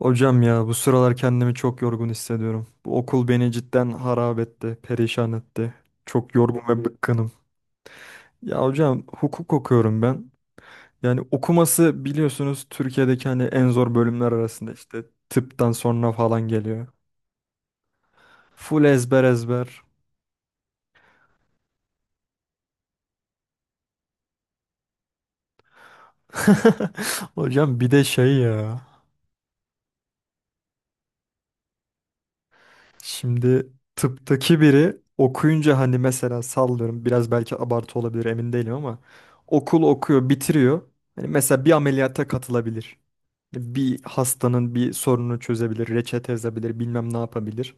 Hocam ya bu sıralar kendimi çok yorgun hissediyorum. Bu okul beni cidden harap etti, perişan etti. Çok yorgun ve bıkkınım. Ya hocam hukuk okuyorum ben. Yani okuması biliyorsunuz Türkiye'deki hani en zor bölümler arasında işte tıptan sonra falan geliyor. Full ezber ezber. Hocam bir de şey ya. Şimdi tıptaki biri okuyunca hani mesela sallıyorum, biraz belki abartı olabilir, emin değilim ama okul okuyor, bitiriyor. Hani mesela bir ameliyata katılabilir. Bir hastanın bir sorununu çözebilir, reçete yazabilir, bilmem ne yapabilir.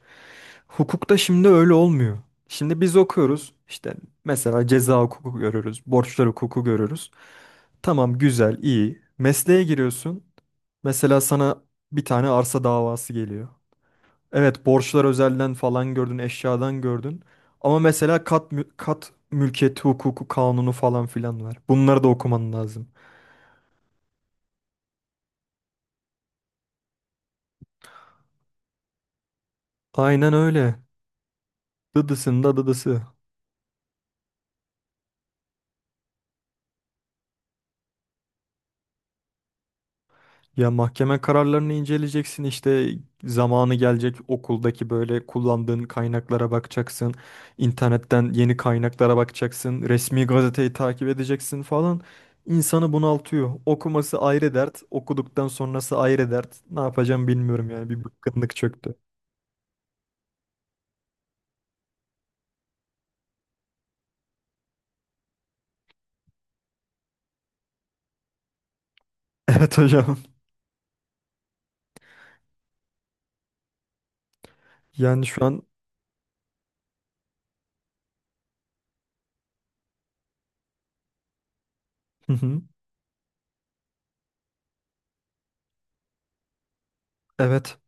Hukukta şimdi öyle olmuyor. Şimdi biz okuyoruz işte, mesela ceza hukuku görüyoruz, borçlar hukuku görüyoruz. Tamam, güzel, iyi. Mesleğe giriyorsun. Mesela sana bir tane arsa davası geliyor. Evet, borçlar özelden falan gördün, eşyadan gördün. Ama mesela kat, kat mülkiyeti hukuku kanunu falan filan var. Bunları da okuman lazım. Aynen öyle. Dıdısında dıdısı. Ya mahkeme kararlarını inceleyeceksin işte, zamanı gelecek okuldaki böyle kullandığın kaynaklara bakacaksın. İnternetten yeni kaynaklara bakacaksın. Resmi gazeteyi takip edeceksin falan. İnsanı bunaltıyor. Okuması ayrı dert, okuduktan sonrası ayrı dert. Ne yapacağım bilmiyorum, yani bir bıkkınlık çöktü. Evet hocam. Yani şu an. Hı hı. Evet.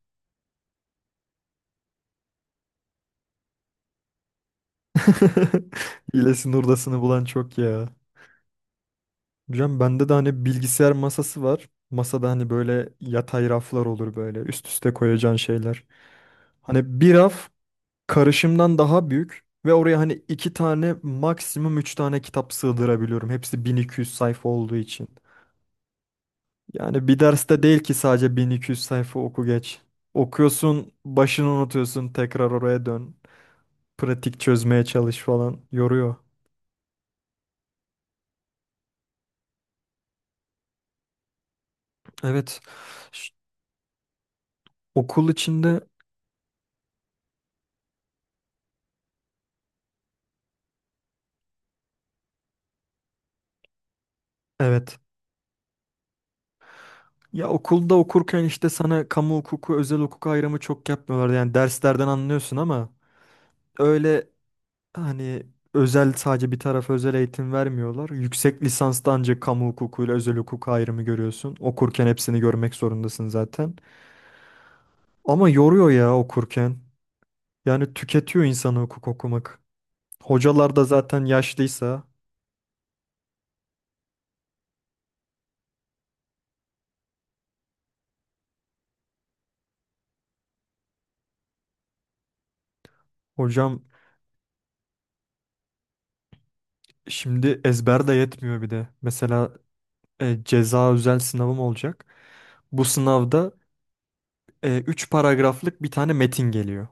Hilesini hurdasını bulan çok ya. Hocam bende de hani bilgisayar masası var. Masada hani böyle yatay raflar olur, böyle üst üste koyacağın şeyler. Hani bir raf karışımdan daha büyük ve oraya hani iki tane maksimum üç tane kitap sığdırabiliyorum. Hepsi 1200 sayfa olduğu için. Yani bir derste değil ki, sadece 1200 sayfa oku geç. Okuyorsun, başını unutuyorsun, tekrar oraya dön. Pratik çözmeye çalış falan, yoruyor. Evet. Ş- Okul içinde. Evet. Ya okulda okurken işte sana kamu hukuku, özel hukuk ayrımı çok yapmıyorlardı. Yani derslerden anlıyorsun ama öyle hani özel sadece bir tarafa özel eğitim vermiyorlar. Yüksek lisansta ancak kamu hukukuyla özel hukuk ayrımı görüyorsun. Okurken hepsini görmek zorundasın zaten. Ama yoruyor ya okurken. Yani tüketiyor insanı hukuk okumak. Hocalar da zaten yaşlıysa, hocam. Şimdi ezber de yetmiyor bir de. Mesela ceza özel sınavım olacak. Bu sınavda 3 paragraflık bir tane metin geliyor.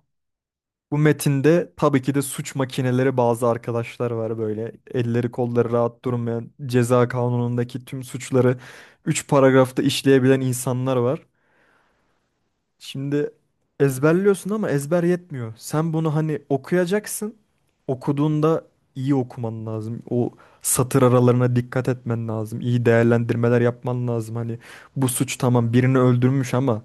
Bu metinde tabii ki de suç makineleri bazı arkadaşlar var, böyle elleri kolları rahat durmayan, ceza kanunundaki tüm suçları 3 paragrafta işleyebilen insanlar var. Şimdi ezberliyorsun ama ezber yetmiyor. Sen bunu hani okuyacaksın. Okuduğunda iyi okuman lazım. O satır aralarına dikkat etmen lazım. İyi değerlendirmeler yapman lazım. Hani bu suç, tamam birini öldürmüş ama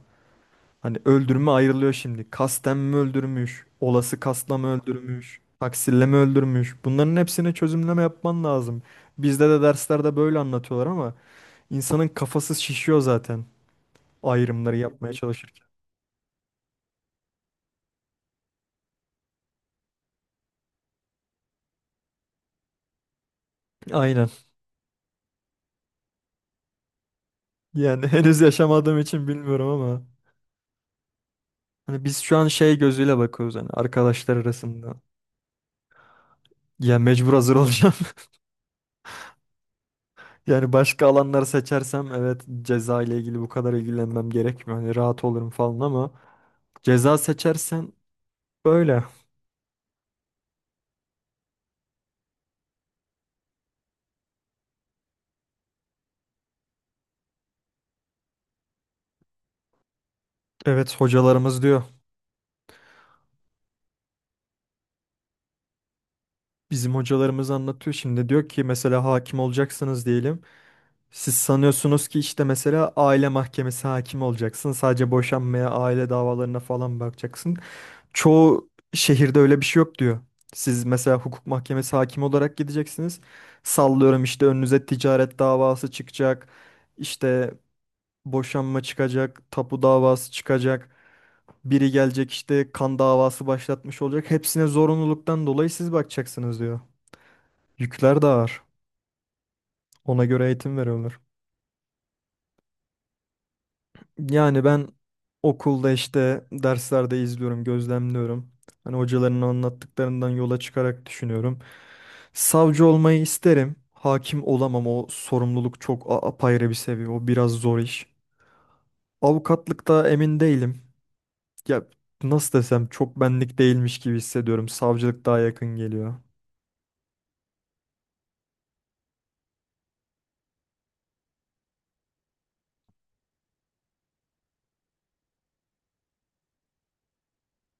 hani öldürme ayrılıyor şimdi. Kasten mi öldürmüş? Olası kasla mı öldürmüş? Taksirle mi öldürmüş? Bunların hepsine çözümleme yapman lazım. Bizde de derslerde böyle anlatıyorlar ama insanın kafası şişiyor zaten, ayrımları yapmaya çalışırken. Aynen. Yani henüz yaşamadığım için bilmiyorum ama hani biz şu an şey gözüyle bakıyoruz, hani arkadaşlar arasında. Ya mecbur hazır olacağım. Yani başka alanları seçersem evet, ceza ile ilgili bu kadar ilgilenmem gerekmiyor. Hani rahat olurum falan ama ceza seçersen böyle. Evet, hocalarımız diyor. Bizim hocalarımız anlatıyor, şimdi diyor ki mesela hakim olacaksınız diyelim. Siz sanıyorsunuz ki işte mesela aile mahkemesi hakim olacaksın. Sadece boşanmaya, aile davalarına falan bakacaksın. Çoğu şehirde öyle bir şey yok diyor. Siz mesela hukuk mahkemesi hakimi olarak gideceksiniz. Sallıyorum işte önünüze ticaret davası çıkacak. İşte boşanma çıkacak, tapu davası çıkacak. Biri gelecek işte kan davası başlatmış olacak. Hepsine zorunluluktan dolayı siz bakacaksınız diyor. Yükler de ağır. Ona göre eğitim veriyorlar. Yani ben okulda işte derslerde izliyorum, gözlemliyorum. Hani hocaların anlattıklarından yola çıkarak düşünüyorum. Savcı olmayı isterim. Hakim olamam. O sorumluluk çok apayrı bir seviye. O biraz zor iş. Avukatlıkta emin değilim. Ya nasıl desem, çok benlik değilmiş gibi hissediyorum. Savcılık daha yakın geliyor.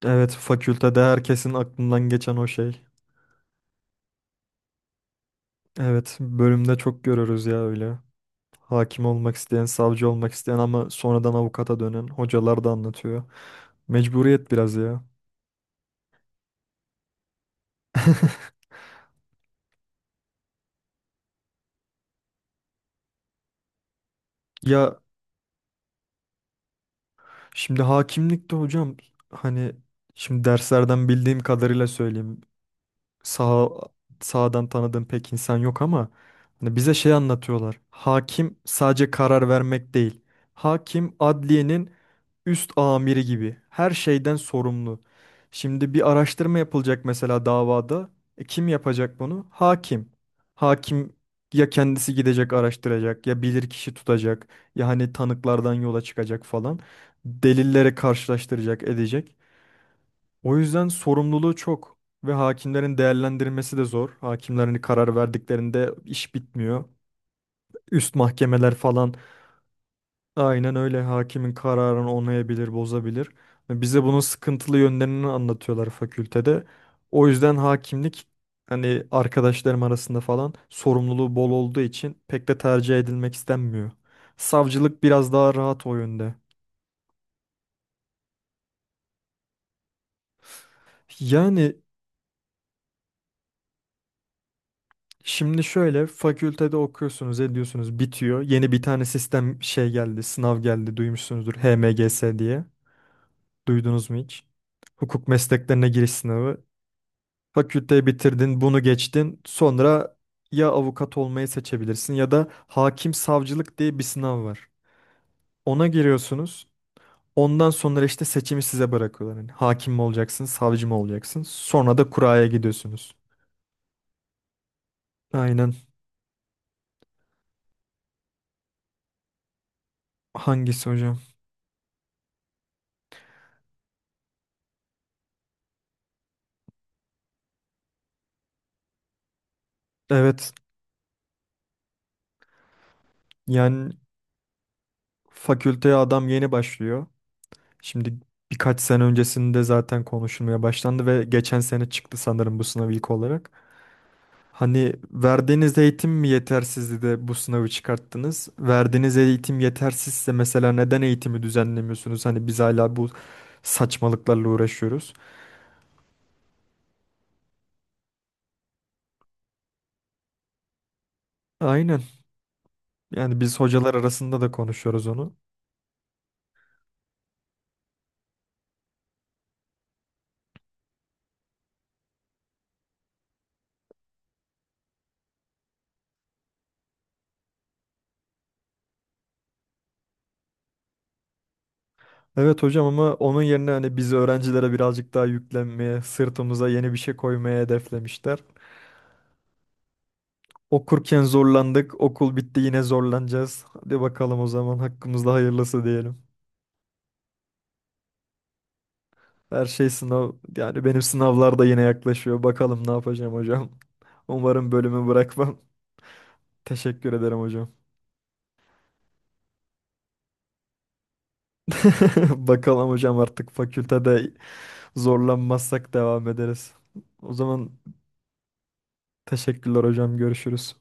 Evet, fakültede herkesin aklından geçen o şey. Evet, bölümde çok görürüz ya öyle. Hakim olmak isteyen, savcı olmak isteyen ama sonradan avukata dönen hocalar da anlatıyor. Mecburiyet biraz ya. Ya. Şimdi hakimlikte hocam, hani şimdi derslerden bildiğim kadarıyla söyleyeyim, sağ sağdan tanıdığım pek insan yok ama hani bize şey anlatıyorlar. Hakim sadece karar vermek değil. Hakim adliyenin üst amiri gibi. Her şeyden sorumlu. Şimdi bir araştırma yapılacak mesela davada. Kim yapacak bunu? Hakim. Hakim ya kendisi gidecek araştıracak, ya bilirkişi tutacak, ya hani tanıklardan yola çıkacak falan. Delilleri karşılaştıracak edecek. O yüzden sorumluluğu çok ve hakimlerin değerlendirmesi de zor. Hakimlerin karar verdiklerinde iş bitmiyor. Üst mahkemeler falan, aynen öyle, hakimin kararını onayabilir, bozabilir. Bize bunun sıkıntılı yönlerini anlatıyorlar fakültede. O yüzden hakimlik hani arkadaşlarım arasında falan sorumluluğu bol olduğu için pek de tercih edilmek istenmiyor. Savcılık biraz daha rahat o yönde. Yani. Şimdi şöyle, fakültede okuyorsunuz, ediyorsunuz, bitiyor. Yeni bir tane sistem şey geldi, sınav geldi, duymuşsunuzdur HMGS diye. Duydunuz mu hiç? Hukuk mesleklerine giriş sınavı. Fakülteyi bitirdin, bunu geçtin. Sonra ya avukat olmayı seçebilirsin ya da hakim savcılık diye bir sınav var. Ona giriyorsunuz. Ondan sonra işte seçimi size bırakıyorlar. Yani hakim mi olacaksın, savcı mı olacaksın? Sonra da kuraya gidiyorsunuz. Aynen. Hangisi hocam? Evet. Yani. Fakülteye adam yeni başlıyor. Şimdi birkaç sene öncesinde zaten konuşulmaya başlandı ve geçen sene çıktı sanırım bu sınav ilk olarak. Hani verdiğiniz eğitim mi yetersizdi de bu sınavı çıkarttınız? Verdiğiniz eğitim yetersizse mesela neden eğitimi düzenlemiyorsunuz? Hani biz hala bu saçmalıklarla uğraşıyoruz. Aynen. Yani biz hocalar arasında da konuşuyoruz onu. Evet hocam, ama onun yerine hani biz öğrencilere birazcık daha yüklenmeye, sırtımıza yeni bir şey koymaya hedeflemişler. Okurken zorlandık. Okul bitti, yine zorlanacağız. Hadi bakalım o zaman, hakkımızda hayırlısı diyelim. Her şey sınav, yani benim sınavlar da yine yaklaşıyor. Bakalım ne yapacağım hocam. Umarım bölümü bırakmam. Teşekkür ederim hocam. Bakalım hocam, artık fakültede zorlanmazsak devam ederiz. O zaman teşekkürler hocam. Görüşürüz.